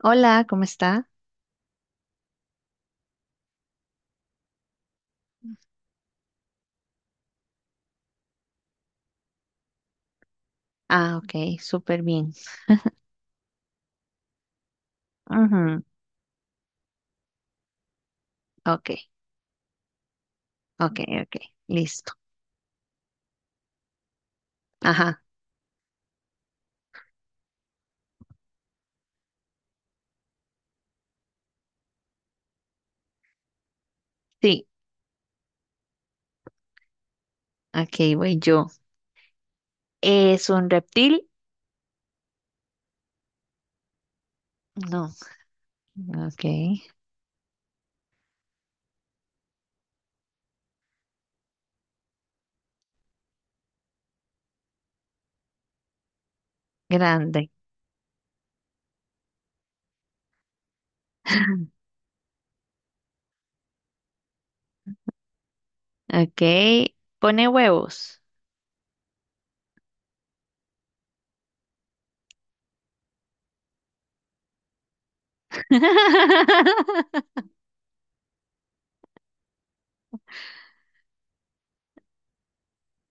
Hola, ¿cómo está? Ah, ok, súper bien. Ujú. Ok, ok, ok, listo. Ajá, sí, ok, voy yo. ¿Es un reptil? No, ok, grande. Ok, pone huevos.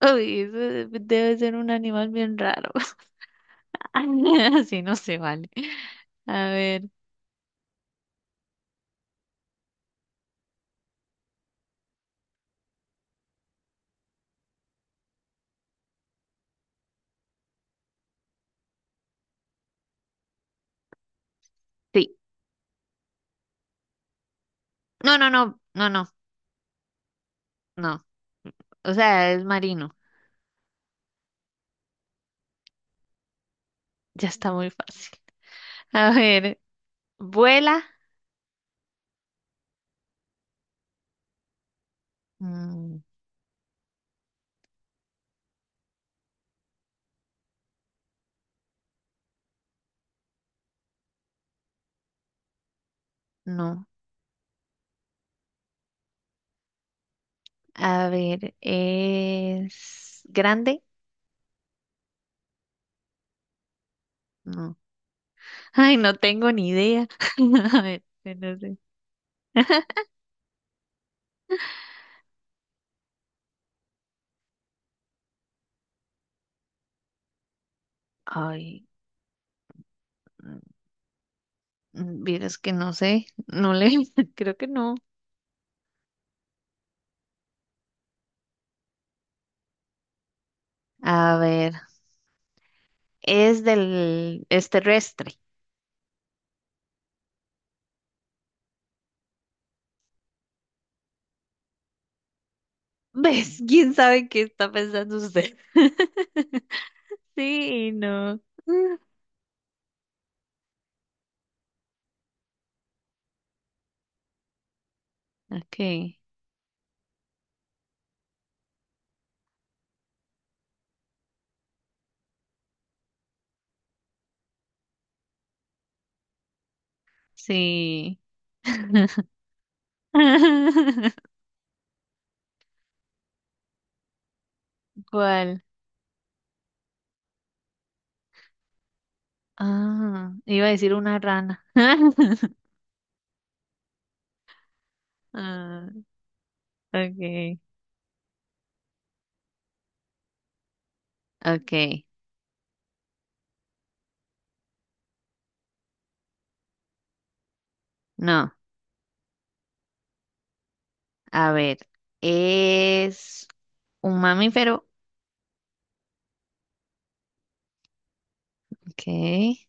Uy, eso debe ser un animal bien raro. Así no se vale. A ver, sí. No, no, no, no, no, no. O sea, es marino. Ya está muy fácil. A ver, vuela. Mm, no. A ver, ¿es grande? No. Ay, no tengo ni idea. A ver, no sé. Ay, mm, vieras que no sé. No le, creo que no. A ver, es terrestre. ¿Ves? ¿Quién sabe qué está pensando usted? Sí, no. Mm. Ok, sí. ¿Cuál? Ah, iba a decir una rana. Ah, okay, okay. No, a ver, es un mamífero. Okay.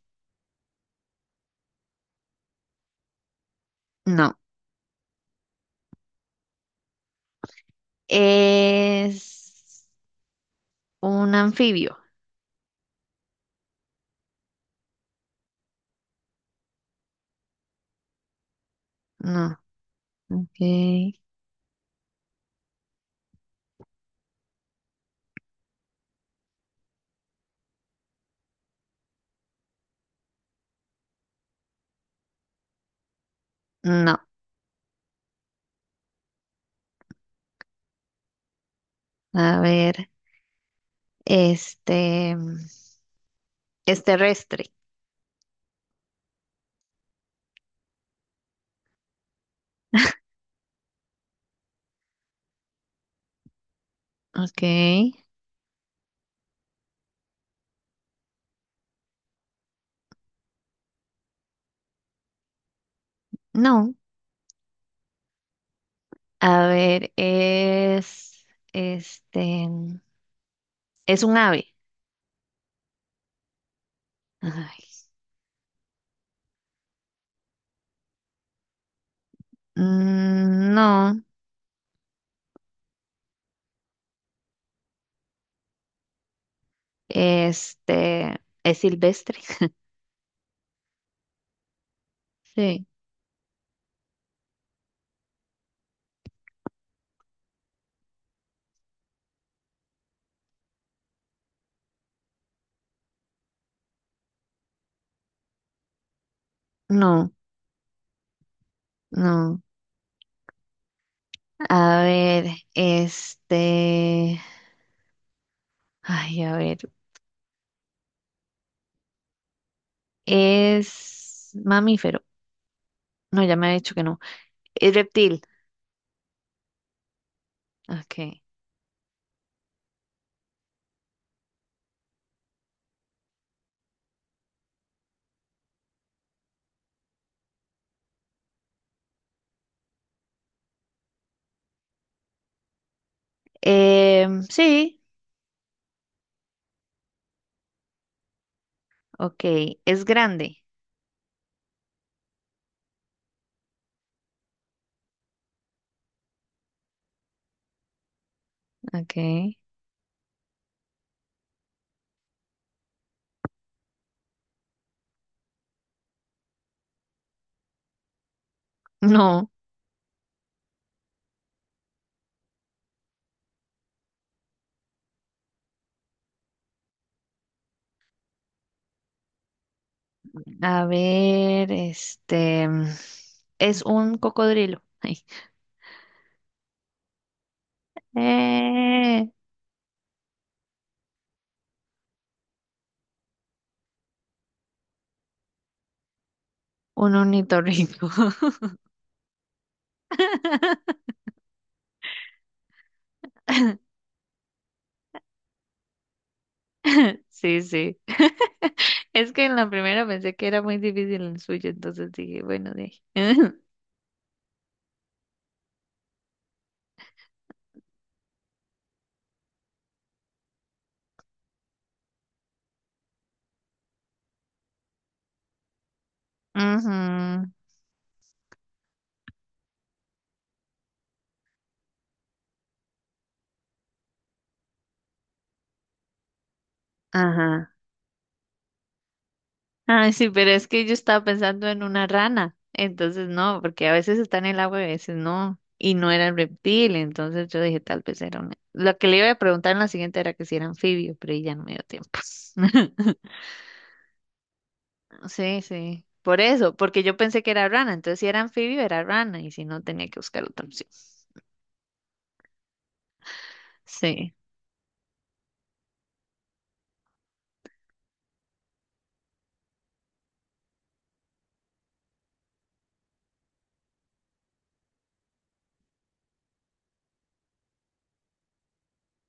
No, es un anfibio. No, okay. No, a ver, este es terrestre. Okay. No, a ver, es este es un ave. Ay, mm, no. Este, es silvestre. Sí. No, no. A ver, este, ay, a ver, es mamífero. No, ya me ha dicho que no. Es reptil. Okay. Em, sí, okay. Es grande. Okay. No. A ver, este, es un cocodrilo. Ay. Eh, un ornitorrinco. Sí, sí. Es que en la primera pensé que era muy difícil el suyo, entonces dije, bueno, de ahí. Ujú. Ajá. Ay, sí, pero es que yo estaba pensando en una rana, entonces no, porque a veces está en el agua y a veces no, y no era el reptil, entonces yo dije, tal vez era una. Lo que le iba a preguntar en la siguiente era que si era anfibio, pero ahí ya no me dio tiempo. Sí, sí, por eso, porque yo pensé que era rana, entonces si era anfibio era rana, y si no tenía que buscar otra opción. Sí,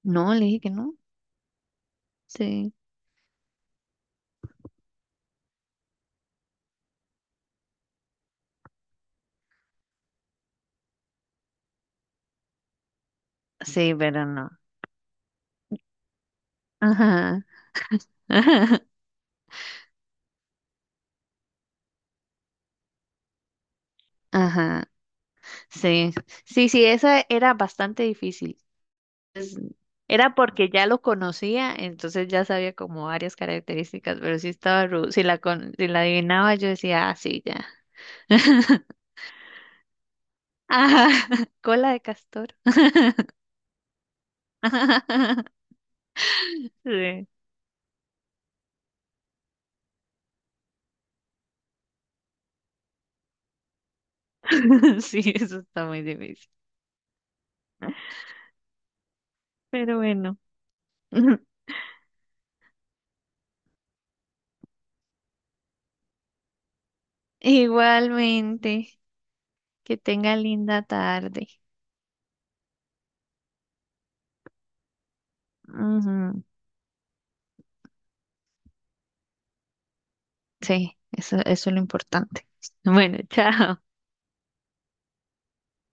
no, le dije que no, sí, sí, pero no. Ajá, ajá, ajá. Sí, sí, sí, esa era bastante difícil. Era porque ya lo conocía, entonces ya sabía como varias características, pero sí estaba si la adivinaba yo decía, ah, sí, ya. Ajá, cola de castor. Sí. Sí, eso está muy difícil. Pero bueno, igualmente, que tenga linda tarde. Ujú. Sí, eso es lo importante. Bueno, chao.